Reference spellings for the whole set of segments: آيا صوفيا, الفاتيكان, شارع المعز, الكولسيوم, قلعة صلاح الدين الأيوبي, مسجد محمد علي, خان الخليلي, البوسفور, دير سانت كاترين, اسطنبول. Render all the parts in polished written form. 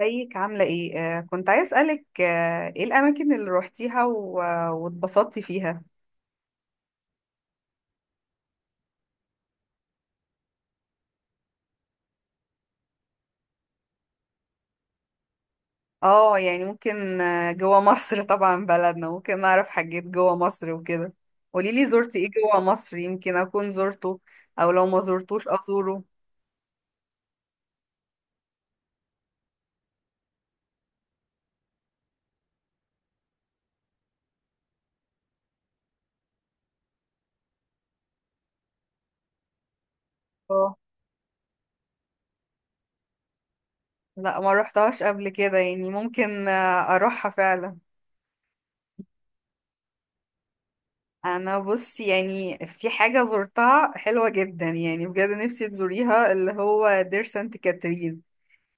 ازيك عاملة ايه؟ كنت عايز اسألك ايه الأماكن اللي روحتيها واتبسطتي فيها؟ اه يعني ممكن جوا مصر طبعا بلدنا ممكن نعرف حاجات جوا مصر وكده. قوليلي زرتي ايه جوا مصر، يمكن أكون زرته أو لو ما زرتوش أزوره. اه لا ما روحتهاش قبل كده، يعني ممكن أروحها فعلا. أنا بص، يعني في حاجة زرتها حلوة جدا، يعني بجد نفسي تزوريها، اللي هو دير سانت كاترين.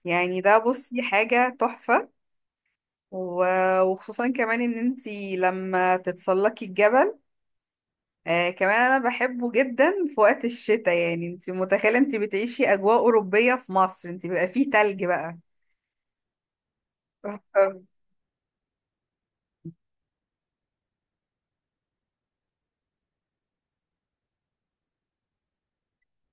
يعني ده بصي حاجة تحفة. وخصوصا كمان ان انتي لما تتسلقي الجبل. آه كمان انا بحبه جدا في وقت الشتاء، يعني انتي متخيلة انتي بتعيشي اجواء اوروبية في مصر، انتي بيبقى فيه تلج بقى.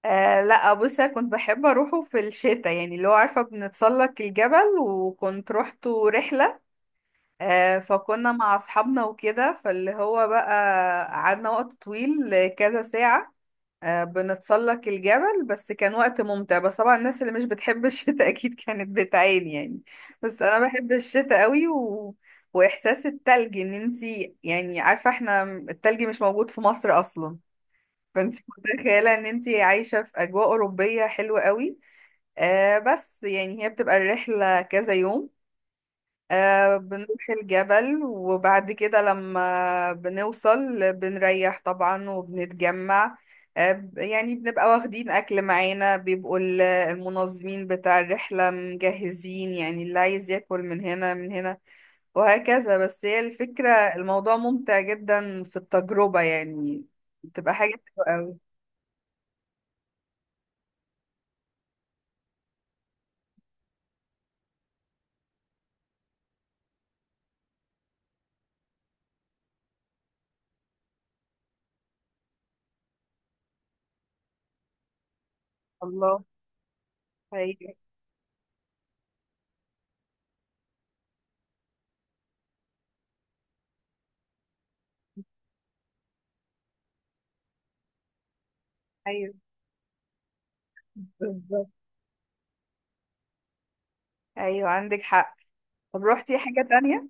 لا بصي، أنا كنت بحب اروحه في الشتاء، يعني اللي هو عارفة بنتسلق الجبل، وكنت روحته رحلة. آه فكنا مع اصحابنا وكده، فاللي هو بقى قعدنا وقت طويل، كذا ساعة بنتسلق الجبل. بس كان وقت ممتع، بس طبعا الناس اللي مش بتحب الشتاء اكيد كانت بتعاني يعني. بس انا بحب الشتاء قوي واحساس التلج، ان انتي يعني عارفه احنا التلج مش موجود في مصر اصلا، فانتي متخيله ان انتي عايشه في اجواء اوروبيه حلوه قوي. آه بس يعني هي بتبقى الرحله كذا يوم، آه بنروح الجبل، وبعد كده لما بنوصل بنريح طبعا وبنتجمع. يعني بنبقى واخدين أكل معانا، بيبقوا المنظمين بتاع الرحلة مجهزين، يعني اللي عايز ياكل من هنا من هنا وهكذا. بس هي الفكرة، الموضوع ممتع جدا في التجربة يعني، بتبقى حاجة حلوة أوي. الله، أيوه، أيوه بالظبط، أيوه عندك حق. طب روحتي حاجة تانية؟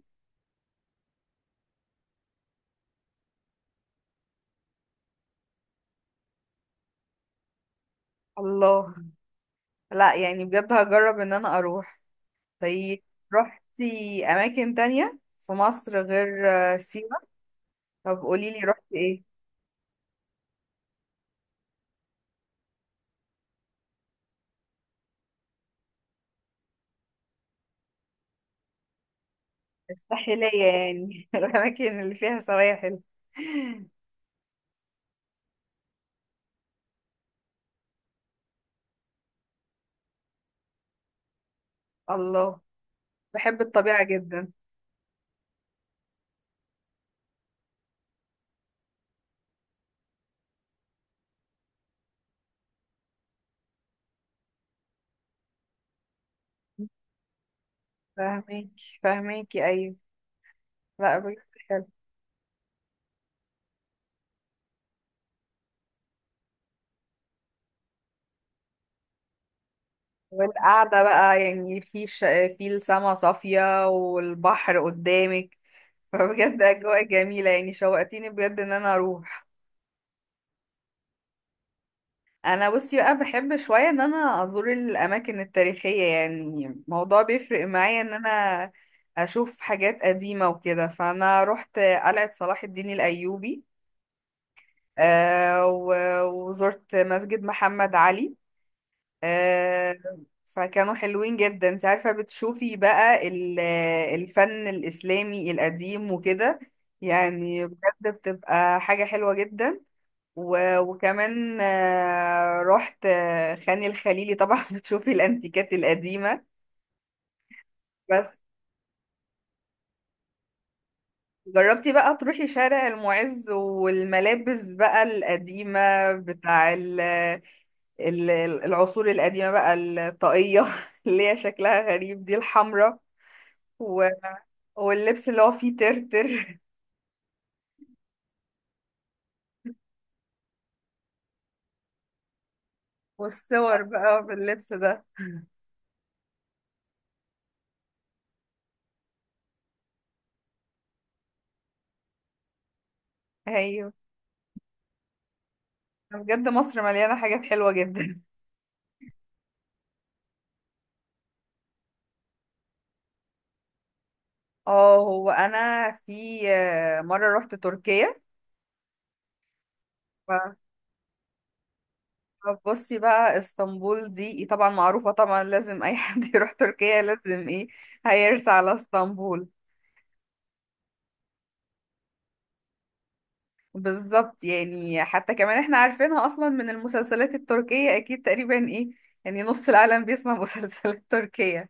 الله، لا يعني بجد هجرب ان انا اروح. طيب، رحتي اماكن تانية في مصر غير سيوة؟ طب قوليلي رحتي ايه. الساحلية يعني الاماكن اللي فيها سواحل. الله، بحب الطبيعة جدا. فاهميكي، ايوه. لا بجد. حلو. والقعدة بقى يعني في السما صافية والبحر قدامك، فبجد أجواء جميلة، يعني شوقتيني بجد إن أنا أروح. انا بصي بقى بحب شويه ان انا ازور الاماكن التاريخيه، يعني الموضوع بيفرق معايا ان انا اشوف حاجات قديمه وكده. فانا رحت قلعه صلاح الدين الايوبي، وزرت مسجد محمد علي. آه، فكانوا حلوين جدا، انت عارفه بتشوفي بقى الفن الاسلامي القديم وكده، يعني بجد بتبقى حاجه حلوه جدا. وكمان رحت خان الخليلي طبعا، بتشوفي الانتيكات القديمة. بس جربتي بقى تروحي شارع المعز، والملابس بقى القديمة بتاع ال- العصور القديمة بقى، الطاقية اللي هي شكلها غريب دي، الحمراء، و- واللبس اللي هو فيه ترتر. والصور بقى باللبس ده. ايوه، بجد مصر مليانة حاجات حلوة جدا. اه هو انا في مرة رحت تركيا. ف- فبصي بقى اسطنبول دي إيه، طبعا معروفة، طبعا لازم أي حد يروح تركيا لازم ايه، هيرسى على اسطنبول. بالظبط، يعني حتى كمان احنا عارفينها أصلا من المسلسلات التركية، أكيد تقريبا ايه، يعني نص العالم بيسمع مسلسلات تركية،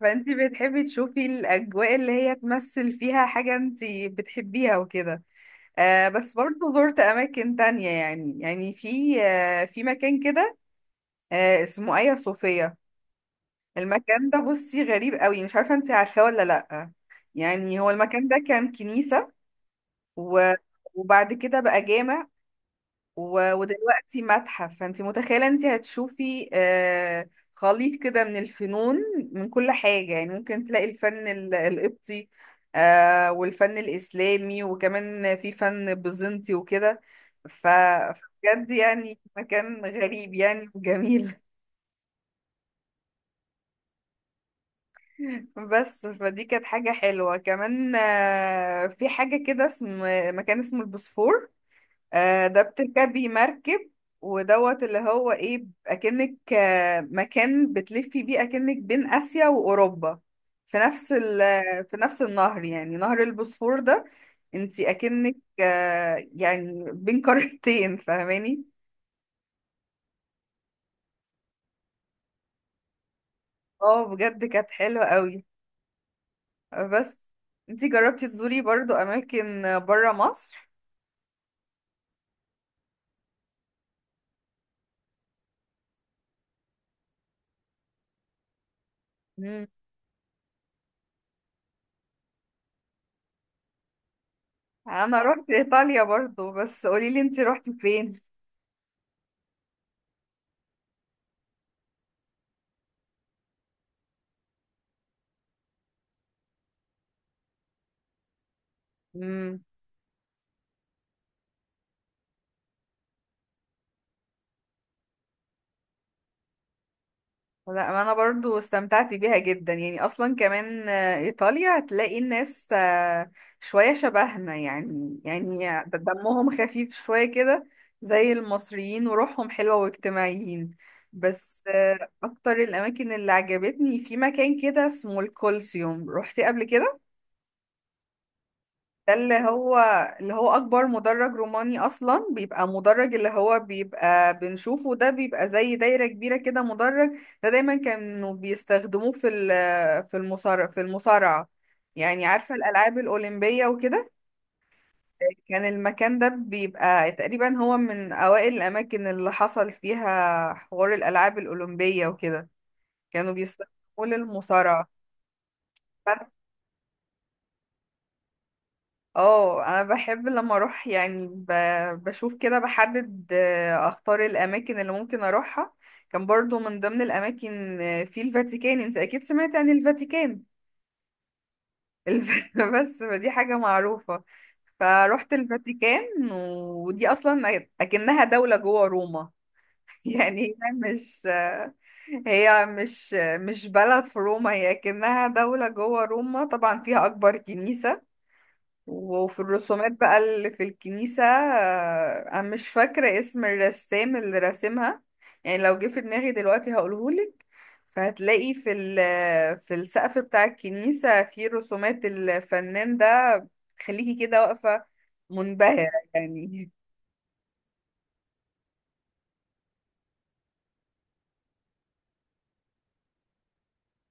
فانتي بتحبي تشوفي الأجواء اللي هي تمثل فيها حاجة انتي بتحبيها وكده. آه بس برضه زرت أماكن تانية، يعني في آه في مكان كده آه اسمه آيا صوفيا. المكان ده بصي غريب قوي، مش عارفة انت عارفاه ولا لأ. يعني هو المكان ده كان كنيسة، و... وبعد كده بقى جامع، ودلوقتي متحف. فانت متخيلة انت هتشوفي آه خليط كده من الفنون، من كل حاجة، يعني ممكن تلاقي القبطي، آه والفن الإسلامي، وكمان في فن بيزنطي وكده. فبجد يعني مكان غريب يعني وجميل. بس فدي كانت حاجة حلوة كمان. في حاجة كده اسم، مكان اسمه البوسفور. ده بتركبي مركب ودوت اللي هو ايه، اكنك مكان بتلفي بيه اكنك بين اسيا واوروبا، في نفس ال في نفس النهر، يعني نهر البوسفور ده انتي اكنك يعني بين قارتين، فاهماني؟ اه بجد كانت حلوة قوي. بس انتي جربتي تزوري برضو اماكن بره مصر؟ انا رحت ايطاليا برضو، بس قولي لي انت رحتي فين. امم. لا انا برضو استمتعت بيها جدا، يعني اصلا كمان ايطاليا هتلاقي الناس شوية شبهنا يعني، يعني دمهم خفيف شوية كده زي المصريين، وروحهم حلوة واجتماعيين. بس اكتر الاماكن اللي عجبتني في مكان كده اسمه الكولسيوم، روحتي قبل كده؟ ده اللي هو أكبر مدرج روماني أصلا، بيبقى مدرج اللي هو بيبقى بنشوفه ده، بيبقى زي دايرة كبيرة كده مدرج. ده دايما كانوا بيستخدموه في المصارعة، يعني عارفة الألعاب الأولمبية وكده. كان المكان ده بيبقى تقريبا هو من أوائل الأماكن اللي حصل فيها حوار الألعاب الأولمبية وكده، كانوا بيستخدموه للمصارعة. اه انا بحب لما اروح يعني بشوف كده، بحدد اختار الاماكن اللي ممكن اروحها. كان برضو من ضمن الاماكن في الفاتيكان، انت اكيد سمعت عن الفاتيكان. بس دي حاجة معروفة. فروحت الفاتيكان، ودي اصلا اكنها دولة جوه روما. يعني هي مش مش بلد في روما، هي اكنها دولة جوه روما، طبعا فيها اكبر كنيسة. وفي الرسومات بقى اللي في الكنيسة، أنا مش فاكرة اسم الرسام اللي راسمها، يعني لو جه في دماغي دلوقتي هقولهولك. فهتلاقي في السقف بتاع الكنيسة في رسومات الفنان ده، خليكي كده واقفة منبهرة يعني.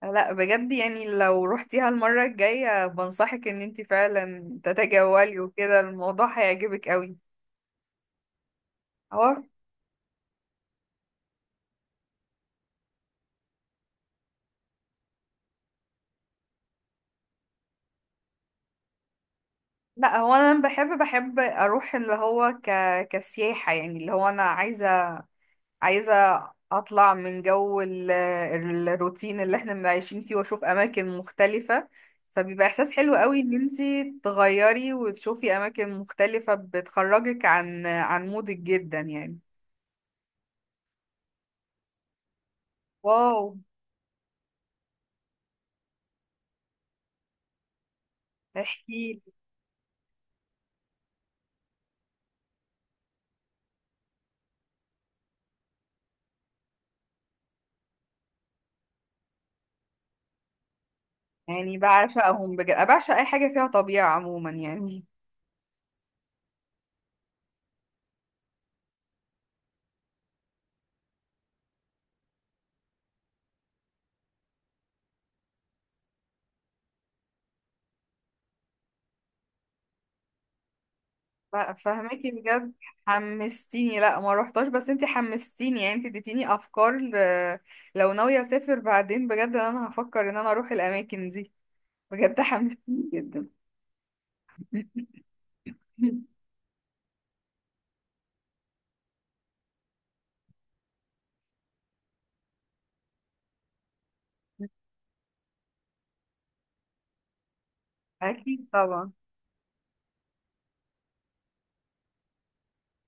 لا بجد، يعني لو روحتيها المرة الجاية بنصحك ان انت فعلا تتجولي وكده، الموضوع هيعجبك قوي. هو. لا هو انا لما بحب بحب اروح اللي هو كسياحة، يعني اللي هو انا عايزة اطلع من الروتين اللي احنا عايشين فيه، واشوف اماكن مختلفة. فبيبقى احساس حلو قوي ان انتي تغيري وتشوفي اماكن مختلفة، بتخرجك عن مودك جدا يعني. واو. احكي. يعني بعشقهم بجد، بعشق اي حاجة فيها طبيعة عموما يعني. لا فهمكي بجد، حمستيني. لا ما روحتش، بس انتي حمستيني، يعني انتي اديتيني افكار لو ناوية اسافر بعدين بجد انا هفكر ان انا اروح الاماكن دي. بجد حمستيني جدا. اكيد طبعا.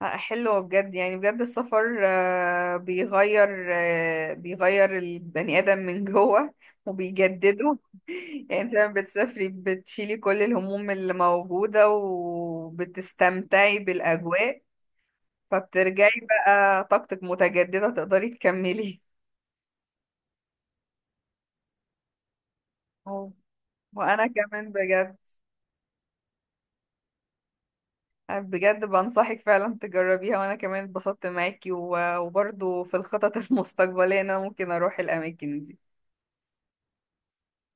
لا، حلوة بجد، يعني بجد السفر بيغير البني ادم من جوه وبيجدده. يعني انت لما بتسافري بتشيلي كل الهموم اللي موجودة، وبتستمتعي بالاجواء، فبترجعي بقى طاقتك متجددة تقدري تكملي. اه وانا كمان بجد. بجد بنصحك فعلا تجربيها، وانا كمان اتبسطت معاكي، وبرضو في الخطط المستقبلية إن انا ممكن اروح الاماكن دي.